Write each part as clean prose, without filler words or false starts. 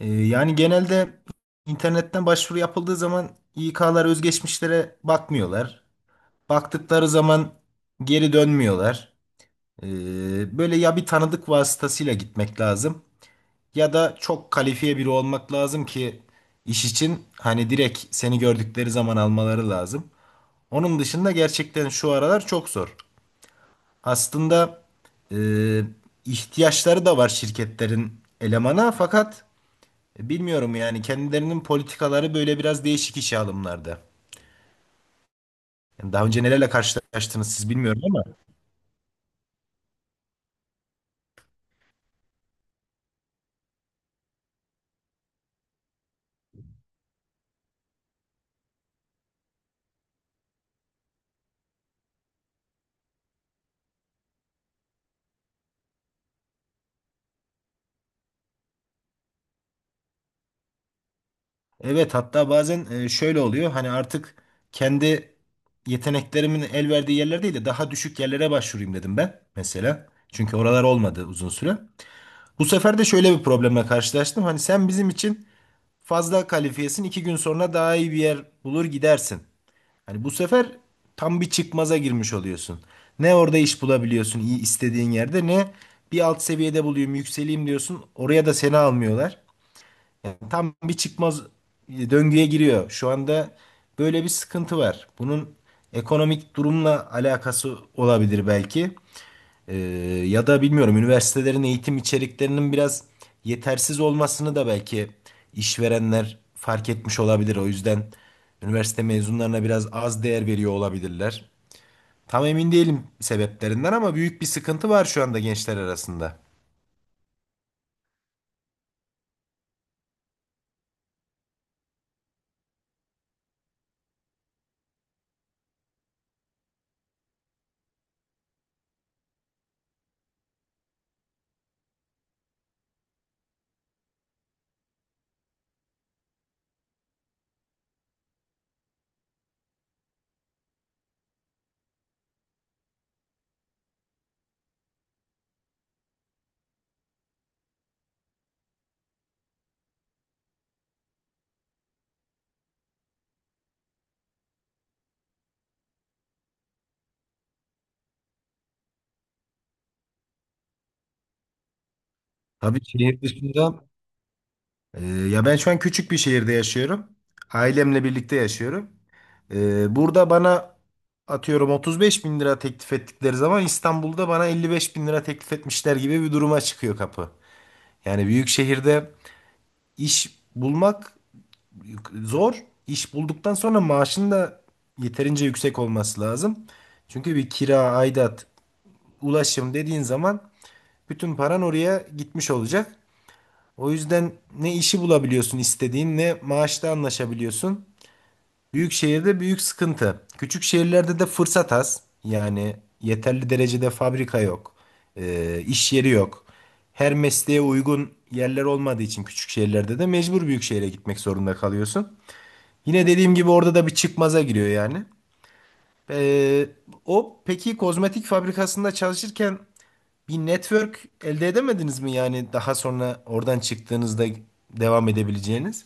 Yani genelde internetten başvuru yapıldığı zaman İK'lar özgeçmişlere bakmıyorlar. Baktıkları zaman geri dönmüyorlar. Böyle ya bir tanıdık vasıtasıyla gitmek lazım ya da çok kalifiye biri olmak lazım ki iş için hani direkt seni gördükleri zaman almaları lazım. Onun dışında gerçekten şu aralar çok zor. Aslında e, ihtiyaçları da var şirketlerin elemana, fakat bilmiyorum, yani kendilerinin politikaları böyle biraz değişik işe alımlarda. Yani daha önce nelerle karşılaştınız siz bilmiyorum ama evet, hatta bazen şöyle oluyor, hani artık kendi yeteneklerimin el verdiği yerler değil de daha düşük yerlere başvurayım dedim ben mesela. Çünkü oralar olmadı uzun süre. Bu sefer de şöyle bir problemle karşılaştım. Hani sen bizim için fazla kalifiyesin. İki gün sonra daha iyi bir yer bulur gidersin. Hani bu sefer tam bir çıkmaza girmiş oluyorsun. Ne orada iş bulabiliyorsun iyi istediğin yerde ne bir alt seviyede bulayım yükseleyim diyorsun. Oraya da seni almıyorlar. Yani tam bir çıkmaz döngüye giriyor. Şu anda böyle bir sıkıntı var. Bunun ekonomik durumla alakası olabilir belki. Ee, Ya da bilmiyorum, üniversitelerin eğitim içeriklerinin biraz yetersiz olmasını da belki işverenler fark etmiş olabilir. O yüzden üniversite mezunlarına biraz az değer veriyor olabilirler. Tam emin değilim sebeplerinden ama büyük bir sıkıntı var şu anda gençler arasında. Tabii, şehir dışında. Ya, ben şu an küçük bir şehirde yaşıyorum. Ailemle birlikte yaşıyorum. Burada bana atıyorum 35 bin lira teklif ettikleri zaman İstanbul'da bana 55 bin lira teklif etmişler gibi bir duruma çıkıyor kapı. Yani büyük şehirde iş bulmak zor. İş bulduktan sonra maaşın da yeterince yüksek olması lazım. Çünkü bir kira, aidat, ulaşım dediğin zaman bütün paran oraya gitmiş olacak. O yüzden ne işi bulabiliyorsun istediğin ne maaşta anlaşabiliyorsun. Büyük şehirde büyük sıkıntı. Küçük şehirlerde de fırsat az. Yani yeterli derecede fabrika yok. İş yeri yok. Her mesleğe uygun yerler olmadığı için küçük şehirlerde de mecbur büyük şehre gitmek zorunda kalıyorsun. Yine dediğim gibi orada da bir çıkmaza giriyor yani. Ee, O peki, kozmetik fabrikasında çalışırken bir network elde edemediniz mi, yani daha sonra oradan çıktığınızda devam edebileceğiniz?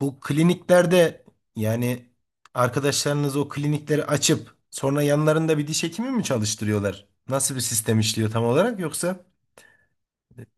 Bu kliniklerde yani arkadaşlarınız o klinikleri açıp sonra yanlarında bir diş hekimi mi çalıştırıyorlar? Nasıl bir sistem işliyor tam olarak, yoksa? Evet.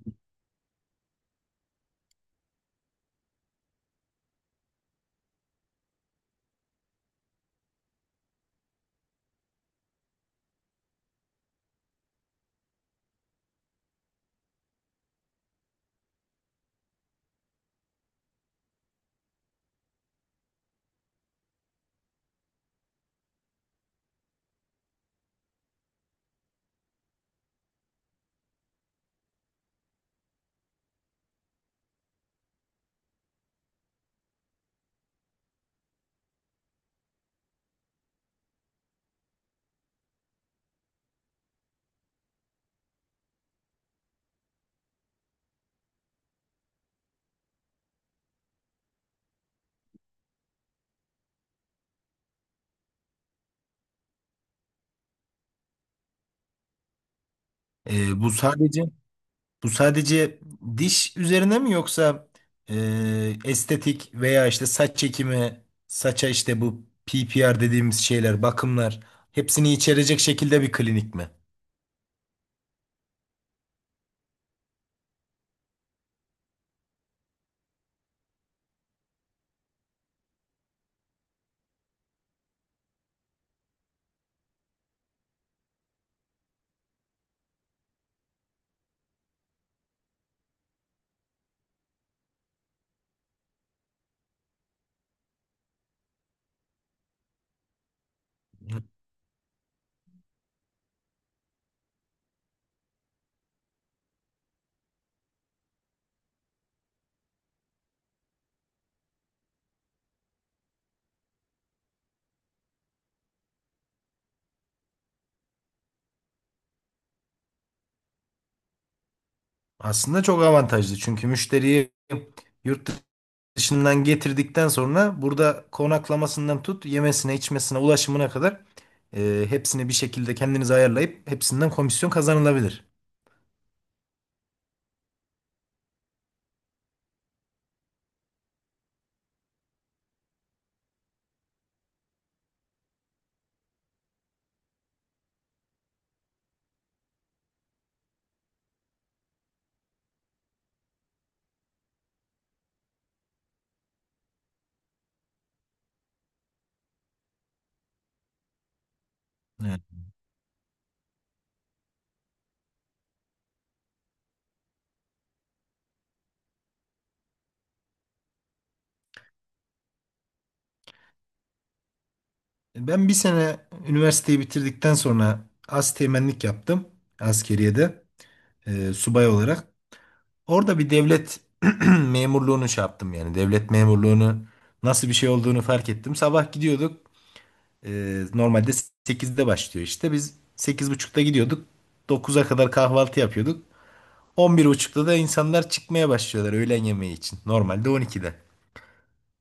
Ee, bu sadece bu sadece diş üzerine mi, yoksa estetik veya işte saç çekimi, saça işte bu PPR dediğimiz şeyler, bakımlar hepsini içerecek şekilde bir klinik mi? Aslında çok avantajlı çünkü müşteriyi yurt dışından getirdikten sonra burada konaklamasından tut yemesine, içmesine, ulaşımına kadar hepsini bir şekilde kendiniz ayarlayıp hepsinden komisyon kazanılabilir. Evet. Ben bir sene üniversiteyi bitirdikten sonra asteğmenlik yaptım askeriyede, subay olarak. Orada bir devlet memurluğunu şey yaptım yani. Devlet memurluğunu nasıl bir şey olduğunu fark ettim. Sabah gidiyorduk. Normalde 8'de başlıyor işte. Biz 8.30'da gidiyorduk. 9'a kadar kahvaltı yapıyorduk. 11.30'da da insanlar çıkmaya başlıyorlar öğlen yemeği için. Normalde 12'de.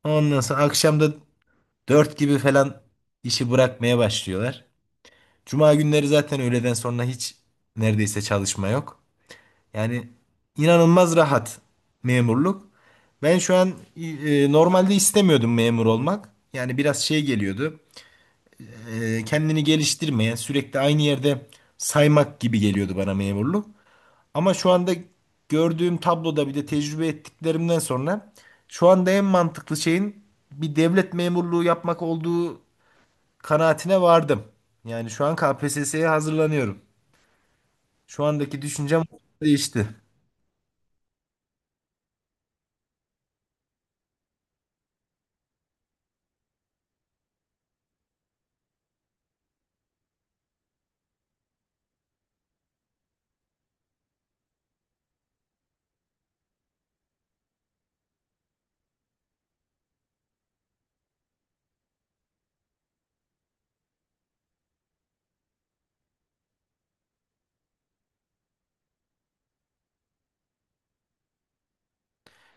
Ondan sonra akşam da 4 gibi falan işi bırakmaya başlıyorlar. Cuma günleri zaten öğleden sonra hiç neredeyse çalışma yok. Yani inanılmaz rahat memurluk. Ben şu an normalde istemiyordum memur olmak. Yani biraz şey geliyordu. Kendini geliştirmeye, sürekli aynı yerde saymak gibi geliyordu bana memurluk. Ama şu anda gördüğüm tabloda bir de tecrübe ettiklerimden sonra şu anda en mantıklı şeyin bir devlet memurluğu yapmak olduğu kanaatine vardım. Yani şu an KPSS'ye hazırlanıyorum. Şu andaki düşüncem değişti.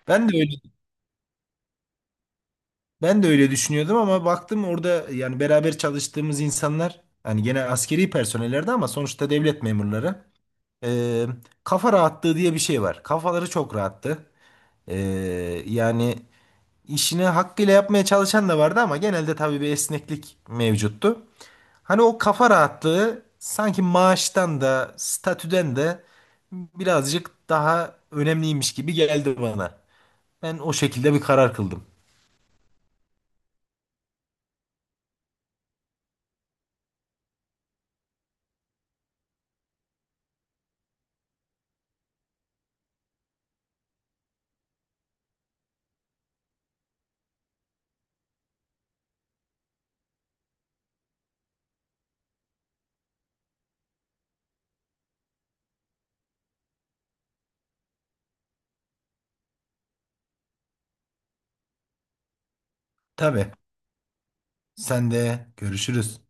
Ben de öyle Ben de öyle düşünüyordum ama baktım orada yani beraber çalıştığımız insanlar hani gene askeri personellerdi ama sonuçta devlet memurları. Ee, Kafa rahatlığı diye bir şey var. Kafaları çok rahattı. Ee, yani işini hakkıyla yapmaya çalışan da vardı ama genelde tabii bir esneklik mevcuttu. Hani o kafa rahatlığı sanki maaştan da statüden de birazcık daha önemliymiş gibi geldi bana. Ben o şekilde bir karar kıldım. Tabii. Sen de görüşürüz.